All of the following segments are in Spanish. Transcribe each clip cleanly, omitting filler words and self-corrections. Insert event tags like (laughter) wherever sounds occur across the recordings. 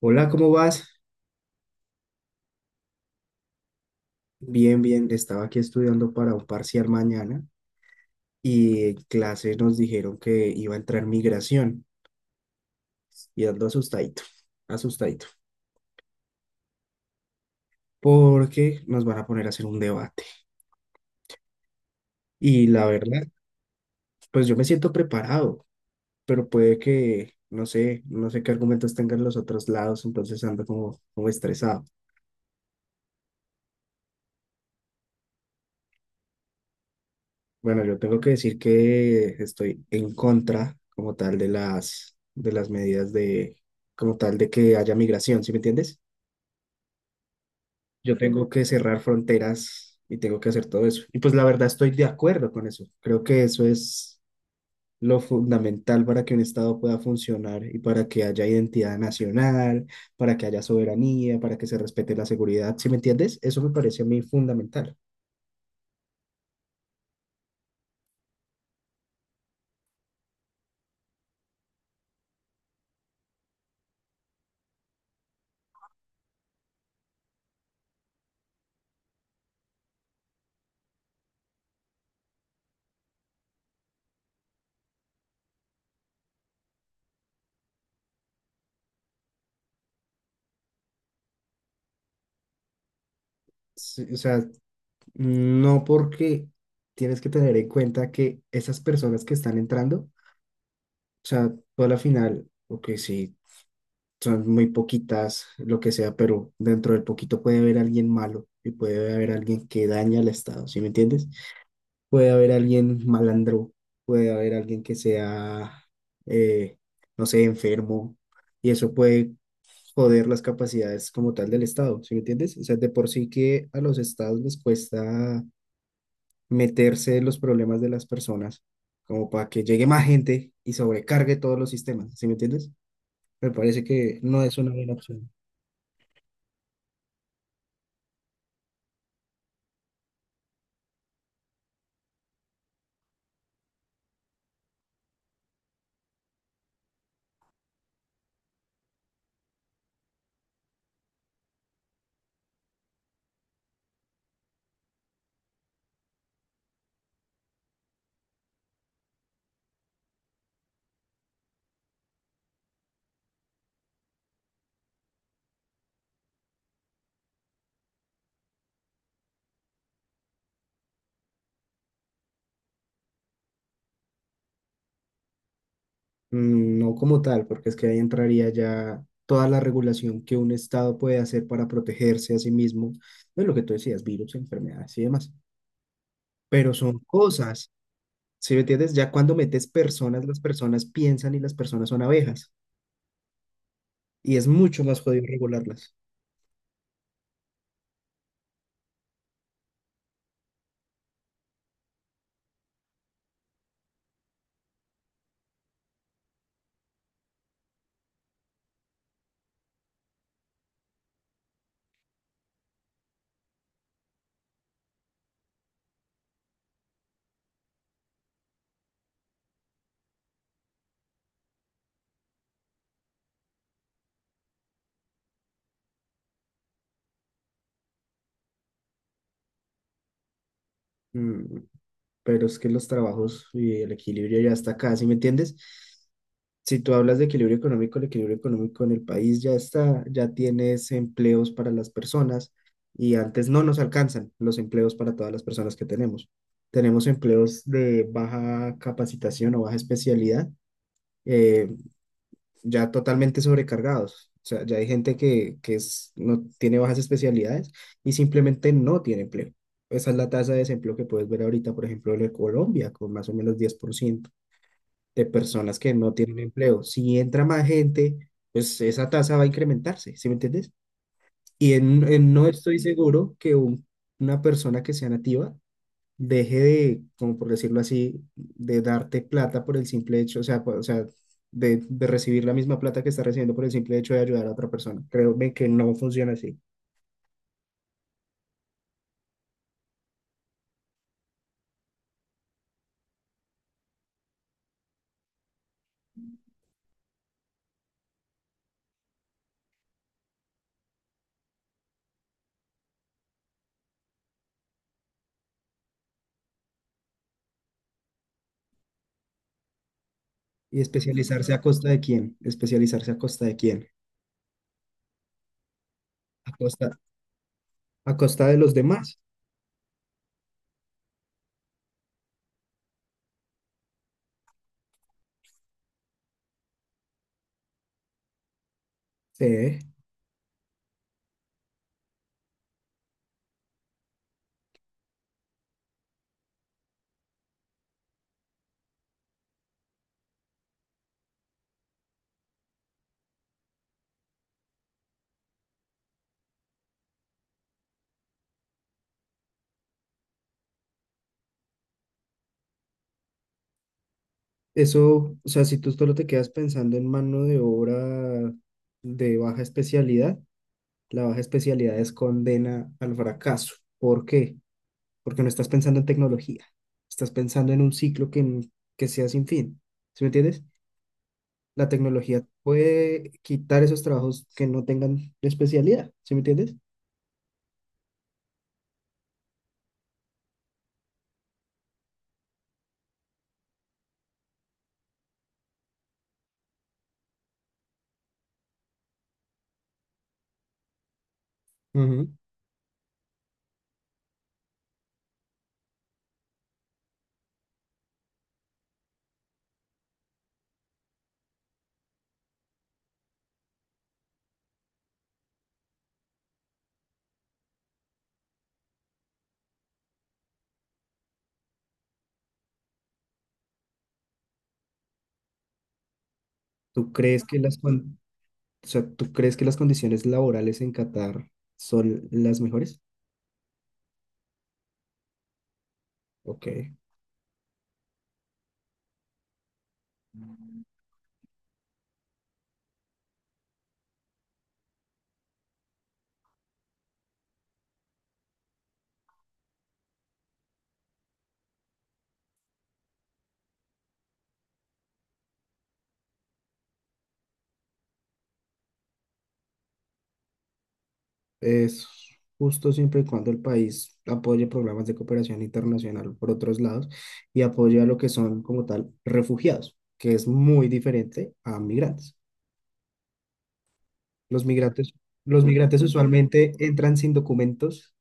Hola, ¿cómo vas? Bien. Estaba aquí estudiando para un parcial mañana y en clase nos dijeron que iba a entrar migración y ando asustadito, porque nos van a poner a hacer un debate. Y la verdad, pues yo me siento preparado, pero puede que, no sé, no sé qué argumentos tengan los otros lados, entonces ando como estresado. Bueno, yo tengo que decir que estoy en contra como tal de las medidas de, como tal de que haya migración, ¿sí me entiendes? Yo tengo que cerrar fronteras y tengo que hacer todo eso. Y pues la verdad estoy de acuerdo con eso. Creo que eso es lo fundamental para que un Estado pueda funcionar y para que haya identidad nacional, para que haya soberanía, para que se respete la seguridad. ¿Sí me entiendes? Eso me parece a mí fundamental. Sí. O sea, no porque tienes que tener en cuenta que esas personas que están entrando, o sea, tú a la final, ok, sí son muy poquitas, lo que sea, pero dentro del poquito puede haber alguien malo y puede haber alguien que daña al Estado, ¿sí me entiendes? Puede haber alguien malandro, puede haber alguien que sea, eh, no sé, enfermo, y eso puede joder las capacidades como tal del Estado, ¿sí me entiendes? O sea, de por sí que a los Estados les cuesta meterse en los problemas de las personas, como para que llegue más gente y sobrecargue todos los sistemas, ¿sí me entiendes? Me parece que no es una buena opción. Mm, no como tal, porque es que ahí entraría ya toda la regulación que un Estado puede hacer para protegerse a sí mismo de lo que tú decías, virus, enfermedades y demás. Pero son cosas, ¿si me entiendes? Ya cuando metes personas, las personas piensan y las personas son abejas. Y es mucho más jodido regularlas. Mm, pero es que los trabajos y el equilibrio ya está acá, ¿sí me entiendes? Si tú hablas de equilibrio económico, el equilibrio económico en el país ya está, ya tienes empleos para las personas y antes no nos alcanzan los empleos para todas las personas que tenemos. Tenemos empleos de baja capacitación o baja especialidad, eh, ya totalmente sobrecargados. O sea, ya hay gente que es, no tiene bajas especialidades y simplemente no tiene empleo. Esa es la tasa de desempleo que puedes ver ahorita, por ejemplo, de Colombia, con más o menos 10% de personas que no tienen empleo. Si entra más gente, pues esa tasa va a incrementarse, ¿sí me entiendes? Y no estoy seguro que una persona que sea nativa deje de, como por decirlo así, de darte plata por el simple hecho, o sea, o sea, de recibir la misma plata que está recibiendo por el simple hecho de ayudar a otra persona. Créeme que no funciona así. ¿Y especializarse a costa de quién? ¿Especializarse a costa de quién? A costa, a costa de los demás. Sí. Eso, o sea, si tú solo te quedas pensando en mano de obra de baja especialidad, la baja especialidad es condena al fracaso. ¿Por qué? Porque no estás pensando en tecnología, estás pensando en un ciclo que sea sin fin, ¿sí me entiendes? La tecnología puede quitar esos trabajos que no tengan especialidad, ¿sí me entiendes? Ujú. ¿Tú crees que o sea, tú crees que las condiciones laborales en Qatar son las mejores? Ok, es justo siempre y cuando el país apoye programas de cooperación internacional por otros lados y apoye a lo que son como tal refugiados, que es muy diferente a migrantes. Los migrantes, los migrantes usualmente entran sin documentos,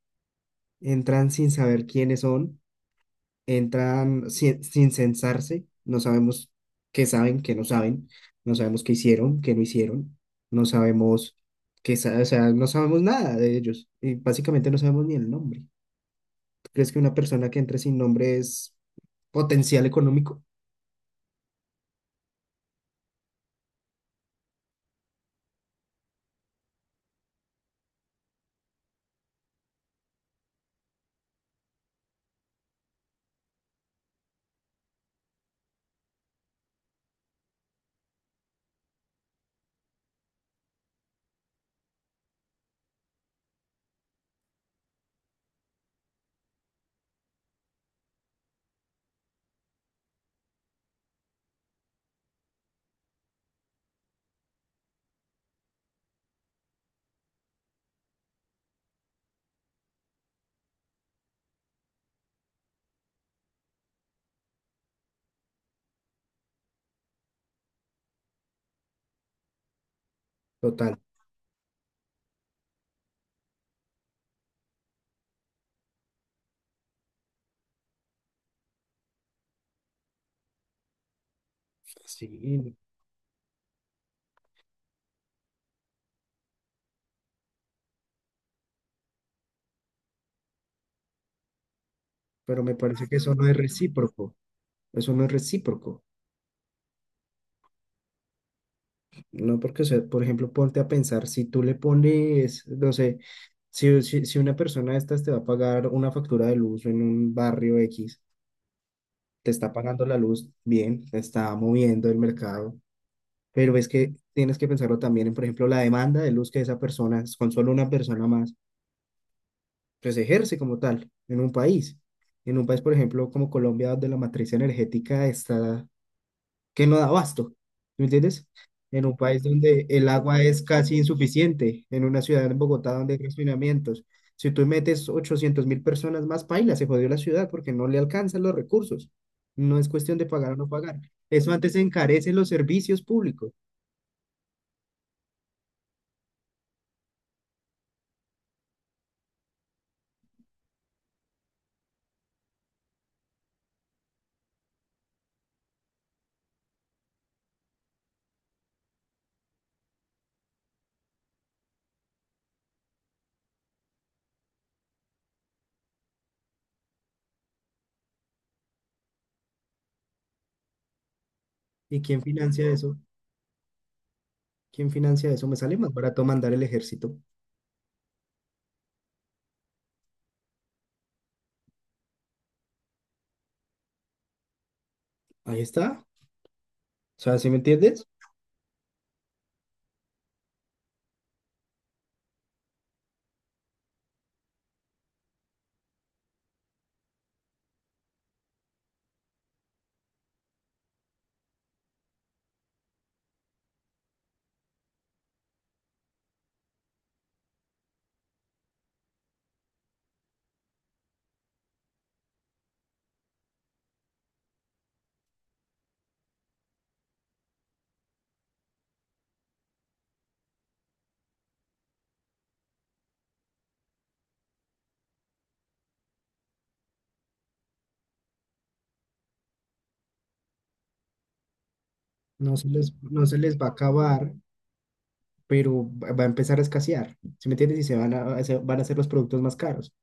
entran sin saber quiénes son, entran sin censarse, no sabemos qué saben, qué no saben, no sabemos qué hicieron, qué no hicieron, no sabemos o sea, no sabemos nada de ellos y básicamente no sabemos ni el nombre. ¿Tú crees que una persona que entre sin nombre es potencial económico? Total, sí, pero me parece que eso (laughs) no es recíproco, eso no es recíproco. No, porque, o sea, por ejemplo, ponte a pensar, si tú le pones, no sé, si una persona de estas te va a pagar una factura de luz en un barrio X, te está pagando la luz bien, te está moviendo el mercado, pero es que tienes que pensarlo también en, por ejemplo, la demanda de luz que esa persona, con solo una persona más, pues ejerce como tal en un país. En un país, por ejemplo, como Colombia, donde la matriz energética está que no da abasto, ¿me entiendes? En un país donde el agua es casi insuficiente, en una ciudad en Bogotá donde hay racionamientos. Si tú metes 800.000 personas más, paila, se jodió la ciudad porque no le alcanzan los recursos. No es cuestión de pagar o no pagar. Eso antes encarece los servicios públicos. ¿Y quién financia eso? ¿Quién financia eso? Me sale más barato mandar el ejército. Ahí está. O sea, ¿sí me entiendes? No se les va a acabar, pero va a empezar a escasear. ¿Sí me entiendes? Y se van a, van a hacer los productos más caros,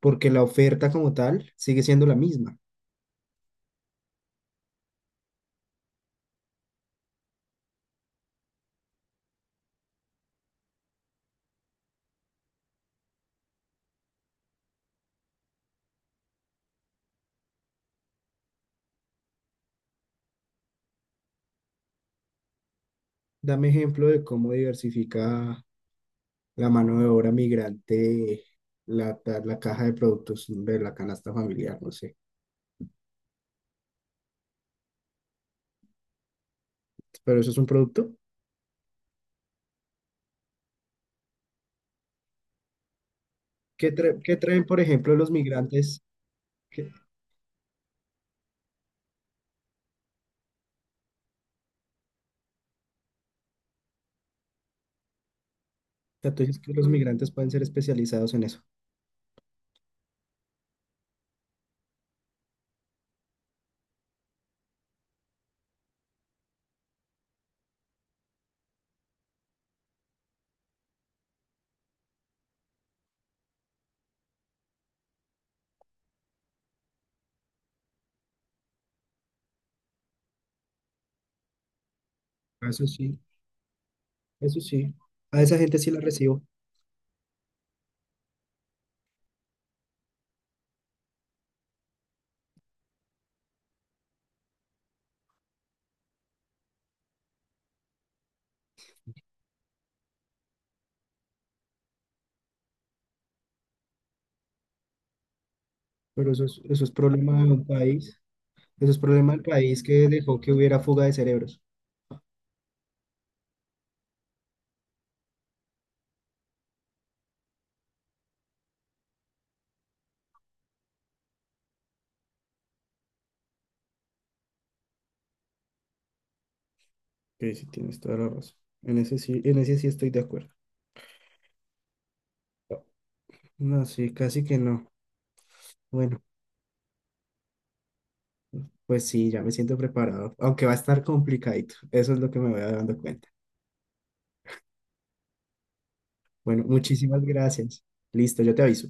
porque la oferta como tal sigue siendo la misma. Dame ejemplo de cómo diversifica la mano de obra migrante la caja de productos de la canasta familiar, no sé. Pero eso es un producto. ¿Qué, qué traen, por ejemplo, los migrantes? O sea, tú dices que los migrantes pueden ser especializados en eso. Ah, eso sí, eso sí. A esa gente sí la recibo, pero eso es problema de un país. Eso es problema del país que dejó que hubiera fuga de cerebros. Ok, sí, tienes toda la razón. En ese sí estoy de acuerdo. No, sí, casi que no. Bueno, pues sí, ya me siento preparado, aunque va a estar complicadito. Eso es lo que me voy dando cuenta. Bueno, muchísimas gracias. Listo, yo te aviso.